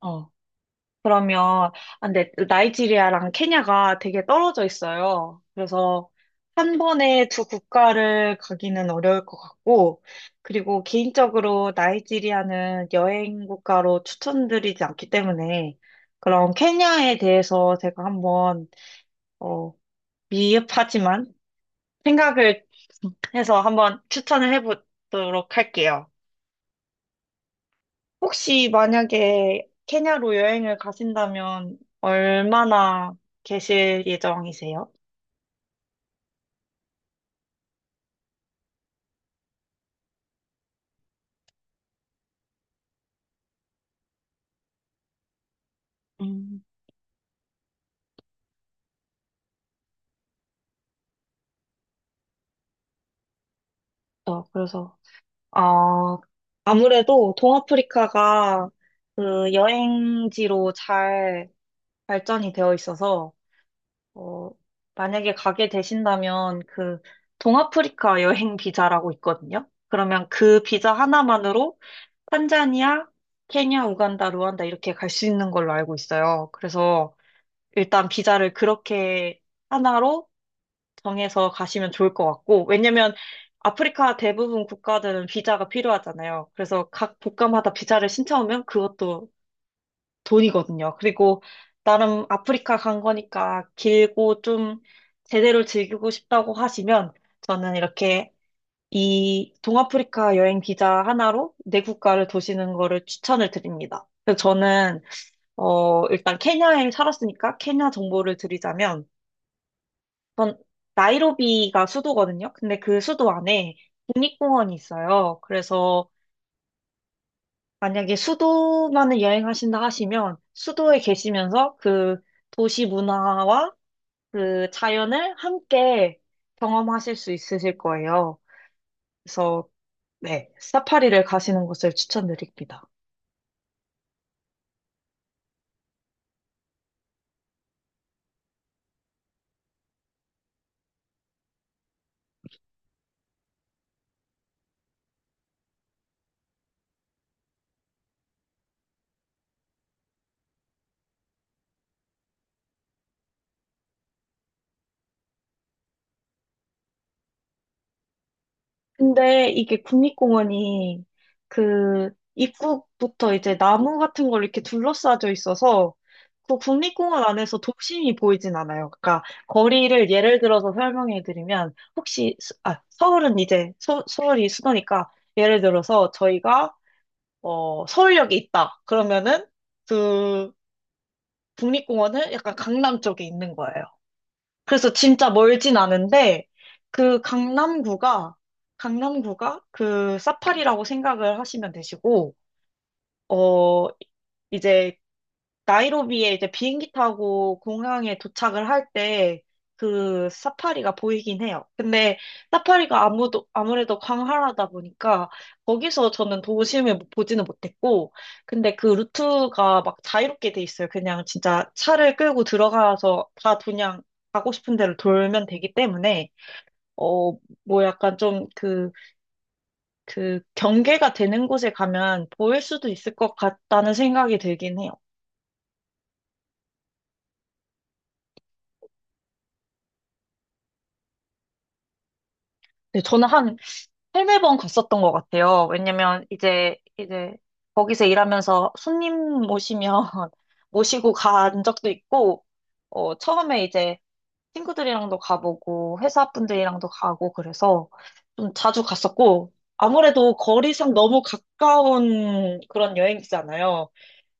어, 그러면, 근데 나이지리아랑 케냐가 되게 떨어져 있어요. 그래서 한 번에 두 국가를 가기는 어려울 것 같고, 그리고 개인적으로 나이지리아는 여행 국가로 추천드리지 않기 때문에, 그럼 케냐에 대해서 제가 한번, 어, 미흡하지만 생각을 해서 한번 추천을 해보도록 할게요. 혹시 만약에 케냐로 여행을 가신다면 얼마나 계실 예정이세요? 음, 그래서, 어, 아무래도 동아프리카가 그 여행지로 잘 발전이 되어 있어서, 어, 만약에 가게 되신다면 그 동아프리카 여행 비자라고 있거든요. 그러면 그 비자 하나만으로 탄자니아, 케냐, 우간다, 루안다 이렇게 갈 수 있는 걸로 알고 있어요. 그래서 일단 비자를 그렇게 하나로 정해서 가시면 좋을 것 같고, 왜냐면 아프리카 대부분 국가들은 비자가 필요하잖아요. 그래서 각 국가마다 비자를 신청하면 그것도 돈이거든요. 그리고 나름 아프리카 간 거니까 길고 좀 제대로 즐기고 싶다고 하시면 저는 이렇게 이 동아프리카 여행 비자 하나로 내 국가를 도시는 거를 추천을 드립니다. 그래서 저는 일단 케냐에 살았으니까 케냐 정보를 드리자면 전 나이로비가 수도거든요. 근데 그 수도 안에 국립공원이 있어요. 그래서 만약에 수도만을 여행하신다 하시면 수도에 계시면서 그 도시 문화와 그 자연을 함께 경험하실 수 있으실 거예요. 그래서 네, 사파리를 가시는 것을 추천드립니다. 근데 이게 국립공원이 그 입구부터 이제 나무 같은 걸 이렇게 둘러싸져 있어서 그 국립공원 안에서 도심이 보이진 않아요. 그러니까 거리를 예를 들어서 설명해 드리면 혹시 서울은 이제 서울이 수도니까 예를 들어서 저희가 서울역에 있다. 그러면은 그 국립공원은 약간 강남 쪽에 있는 거예요. 그래서 진짜 멀진 않은데 그 강남구가 그 사파리라고 생각을 하시면 되시고 어 이제 나이로비에 이제 비행기 타고 공항에 도착을 할 때 그 사파리가 보이긴 해요. 근데 사파리가 아무래도 광활하다 보니까 거기서 저는 도심을 보지는 못했고, 근데 그 루트가 막 자유롭게 돼 있어요. 그냥 진짜 차를 끌고 들어가서 다 그냥 가고 싶은 대로 돌면 되기 때문에, 어, 뭐 약간 좀 그 경계가 되는 곳에 가면 보일 수도 있을 것 같다는 생각이 들긴 해요. 네, 저는 한 세네 번 갔었던 것 같아요. 왜냐면 이제 거기서 일하면서 손님 모시면 모시고 간 적도 있고, 처음에 이제 친구들이랑도 가보고 회사 분들이랑도 가고 그래서 좀 자주 갔었고 아무래도 거리상 너무 가까운 그런 여행지잖아요.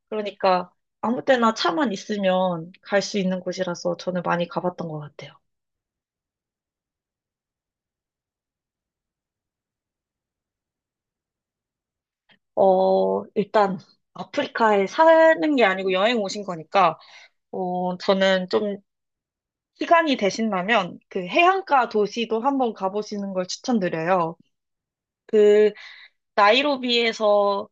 그러니까 아무 때나 차만 있으면 갈 수 있는 곳이라서 저는 많이 가봤던 것 같아요. 일단 아프리카에 사는 게 아니고 여행 오신 거니까. 저는 좀 시간이 되신다면 그 해안가 도시도 한번 가보시는 걸 추천드려요. 그 나이로비에서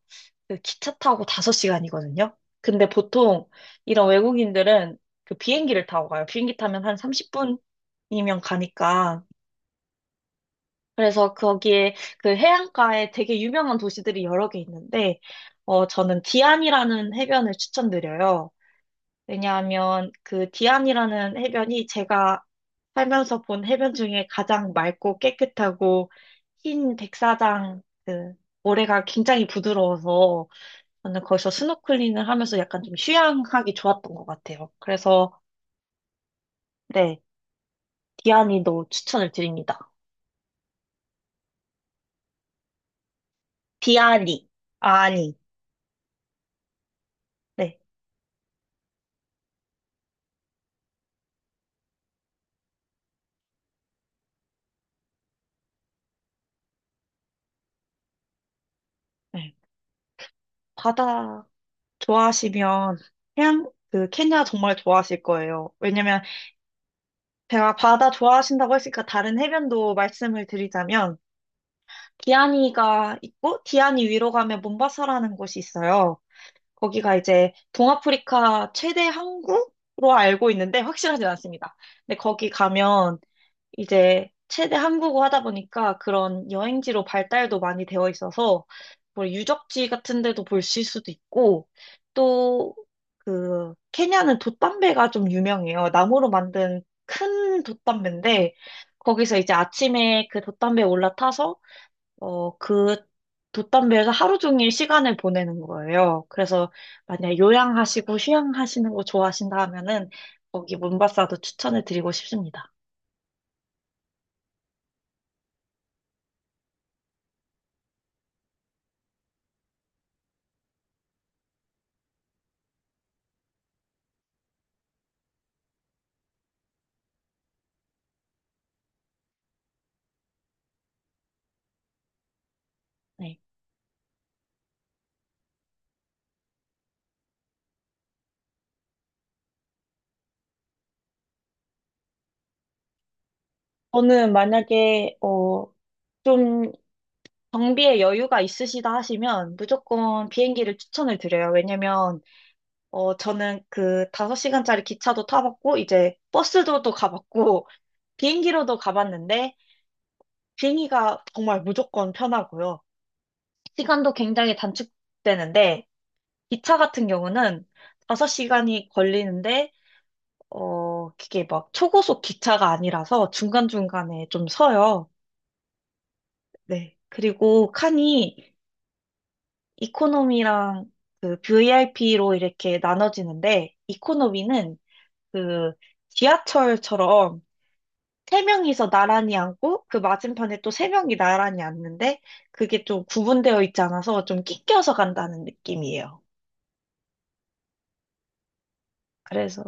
그 기차 타고 5시간이거든요. 근데 보통 이런 외국인들은 그 비행기를 타고 가요. 비행기 타면 한 30분이면 가니까. 그래서 거기에 그 해안가에 되게 유명한 도시들이 여러 개 있는데, 저는 디안이라는 해변을 추천드려요. 왜냐하면 그 디안이라는 해변이 제가 살면서 본 해변 중에 가장 맑고 깨끗하고 흰 백사장 그 모래가 굉장히 부드러워서 저는 거기서 스노클링을 하면서 약간 좀 휴양하기 좋았던 것 같아요. 그래서 네, 디아니도 추천을 드립니다. 디아니, 아니, 네, 네. 바다 좋아하시면 해양 그 케냐 정말 좋아하실 거예요. 왜냐면 제가 바다 좋아하신다고 했으니까 다른 해변도 말씀을 드리자면 디아니가 있고 디아니 위로 가면 몬바사라는 곳이 있어요. 거기가 이제 동아프리카 최대 항구로 알고 있는데 확실하진 않습니다. 근데 거기 가면 이제 최대 한국어 하다 보니까 그런 여행지로 발달도 많이 되어 있어서 뭐 유적지 같은 데도 볼 수 있을 수도 있고 또 그 케냐는 돛담배가 좀 유명해요. 나무로 만든 큰 돛담배인데 거기서 이제 아침에 그 돛담배에 올라타서 그 돛담배에서 하루 종일 시간을 보내는 거예요. 그래서 만약 요양하시고 휴양하시는 거 좋아하신다 하면은 거기 몬바사도 추천을 드리고 싶습니다. 네. 저는 만약에 좀 경비에 여유가 있으시다 하시면 무조건 비행기를 추천을 드려요. 왜냐면 저는 그 5시간짜리 기차도 타봤고 이제 버스도 또 가봤고 비행기로도 가봤는데 비행기가 정말 무조건 편하고요. 시간도 굉장히 단축되는데 기차 같은 경우는 5시간이 걸리는데 그게 막 초고속 기차가 아니라서 중간중간에 좀 서요. 네. 그리고 칸이 이코노미랑 그 VIP로 이렇게 나눠지는데, 이코노미는 그 지하철처럼 세 명이서 나란히 앉고, 그 맞은편에 또 세 명이 나란히 앉는데, 그게 좀 구분되어 있지 않아서 좀 낑겨서 간다는 느낌이에요. 그래서,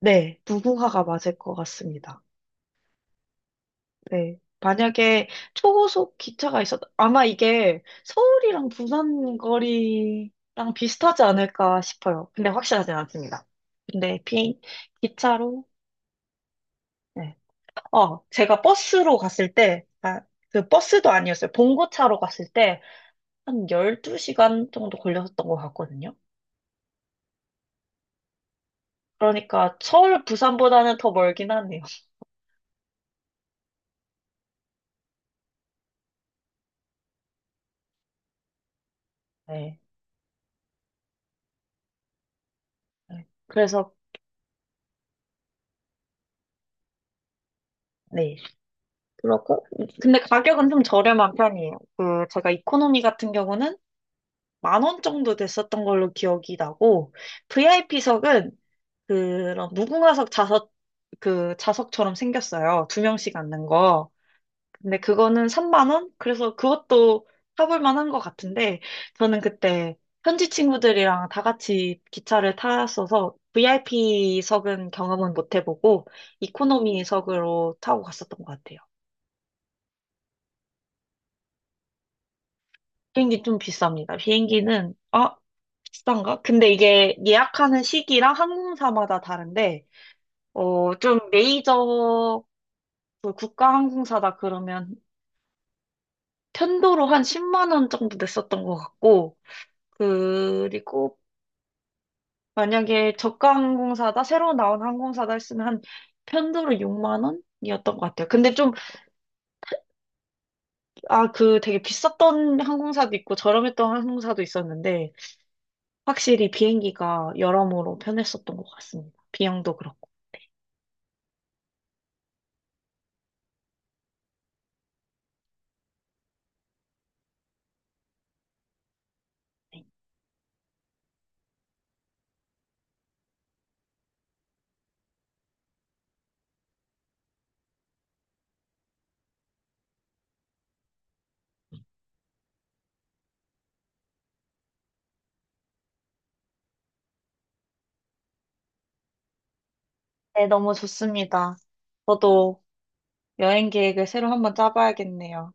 네, 무궁화가 맞을 것 같습니다. 네. 만약에 초고속 기차가 있었, 아마 이게 서울이랑 부산 거리랑 비슷하지 않을까 싶어요. 근데 확실하진 않습니다. 근데 비, 기차로, 네. 제가 버스로 갔을 때, 그 버스도 아니었어요. 봉고차로 갔을 때 한 12시간 정도 걸렸던 것 같거든요. 그러니까 서울, 부산보다는 더 멀긴 하네요. 네. 네. 그래서, 네. 그러고, 근데 가격은 좀 저렴한 편이에요. 그, 제가 이코노미 같은 경우는 만 원 정도 됐었던 걸로 기억이 나고, VIP석은 그런 무궁화석 좌석, 그 좌석처럼 생겼어요. 두 명씩 앉는 거. 근데 그거는 3만 원? 그래서 그것도 타볼 만한 것 같은데, 저는 그때 현지 친구들이랑 다 같이 기차를 탔어서 VIP석은 경험은 못 해보고, 이코노미석으로 타고 갔었던 것 같아요. 비행기 좀 비쌉니다. 비행기는, 아, 비싼가? 근데 이게 예약하는 시기랑 항공사마다 다른데, 좀 메이저 그 국가 항공사다 그러면 편도로 한 10만 원 정도 냈었던 것 같고, 그리고 만약에 저가 항공사다, 새로 나온 항공사다 했으면 한 편도로 6만 원? 이었던 것 같아요. 그 되게 비쌌던 항공사도 있고 저렴했던 항공사도 있었는데, 확실히 비행기가 여러모로 편했었던 것 같습니다. 비용도 그렇고. 네, 너무 좋습니다. 저도 여행 계획을 새로 한번 짜봐야겠네요.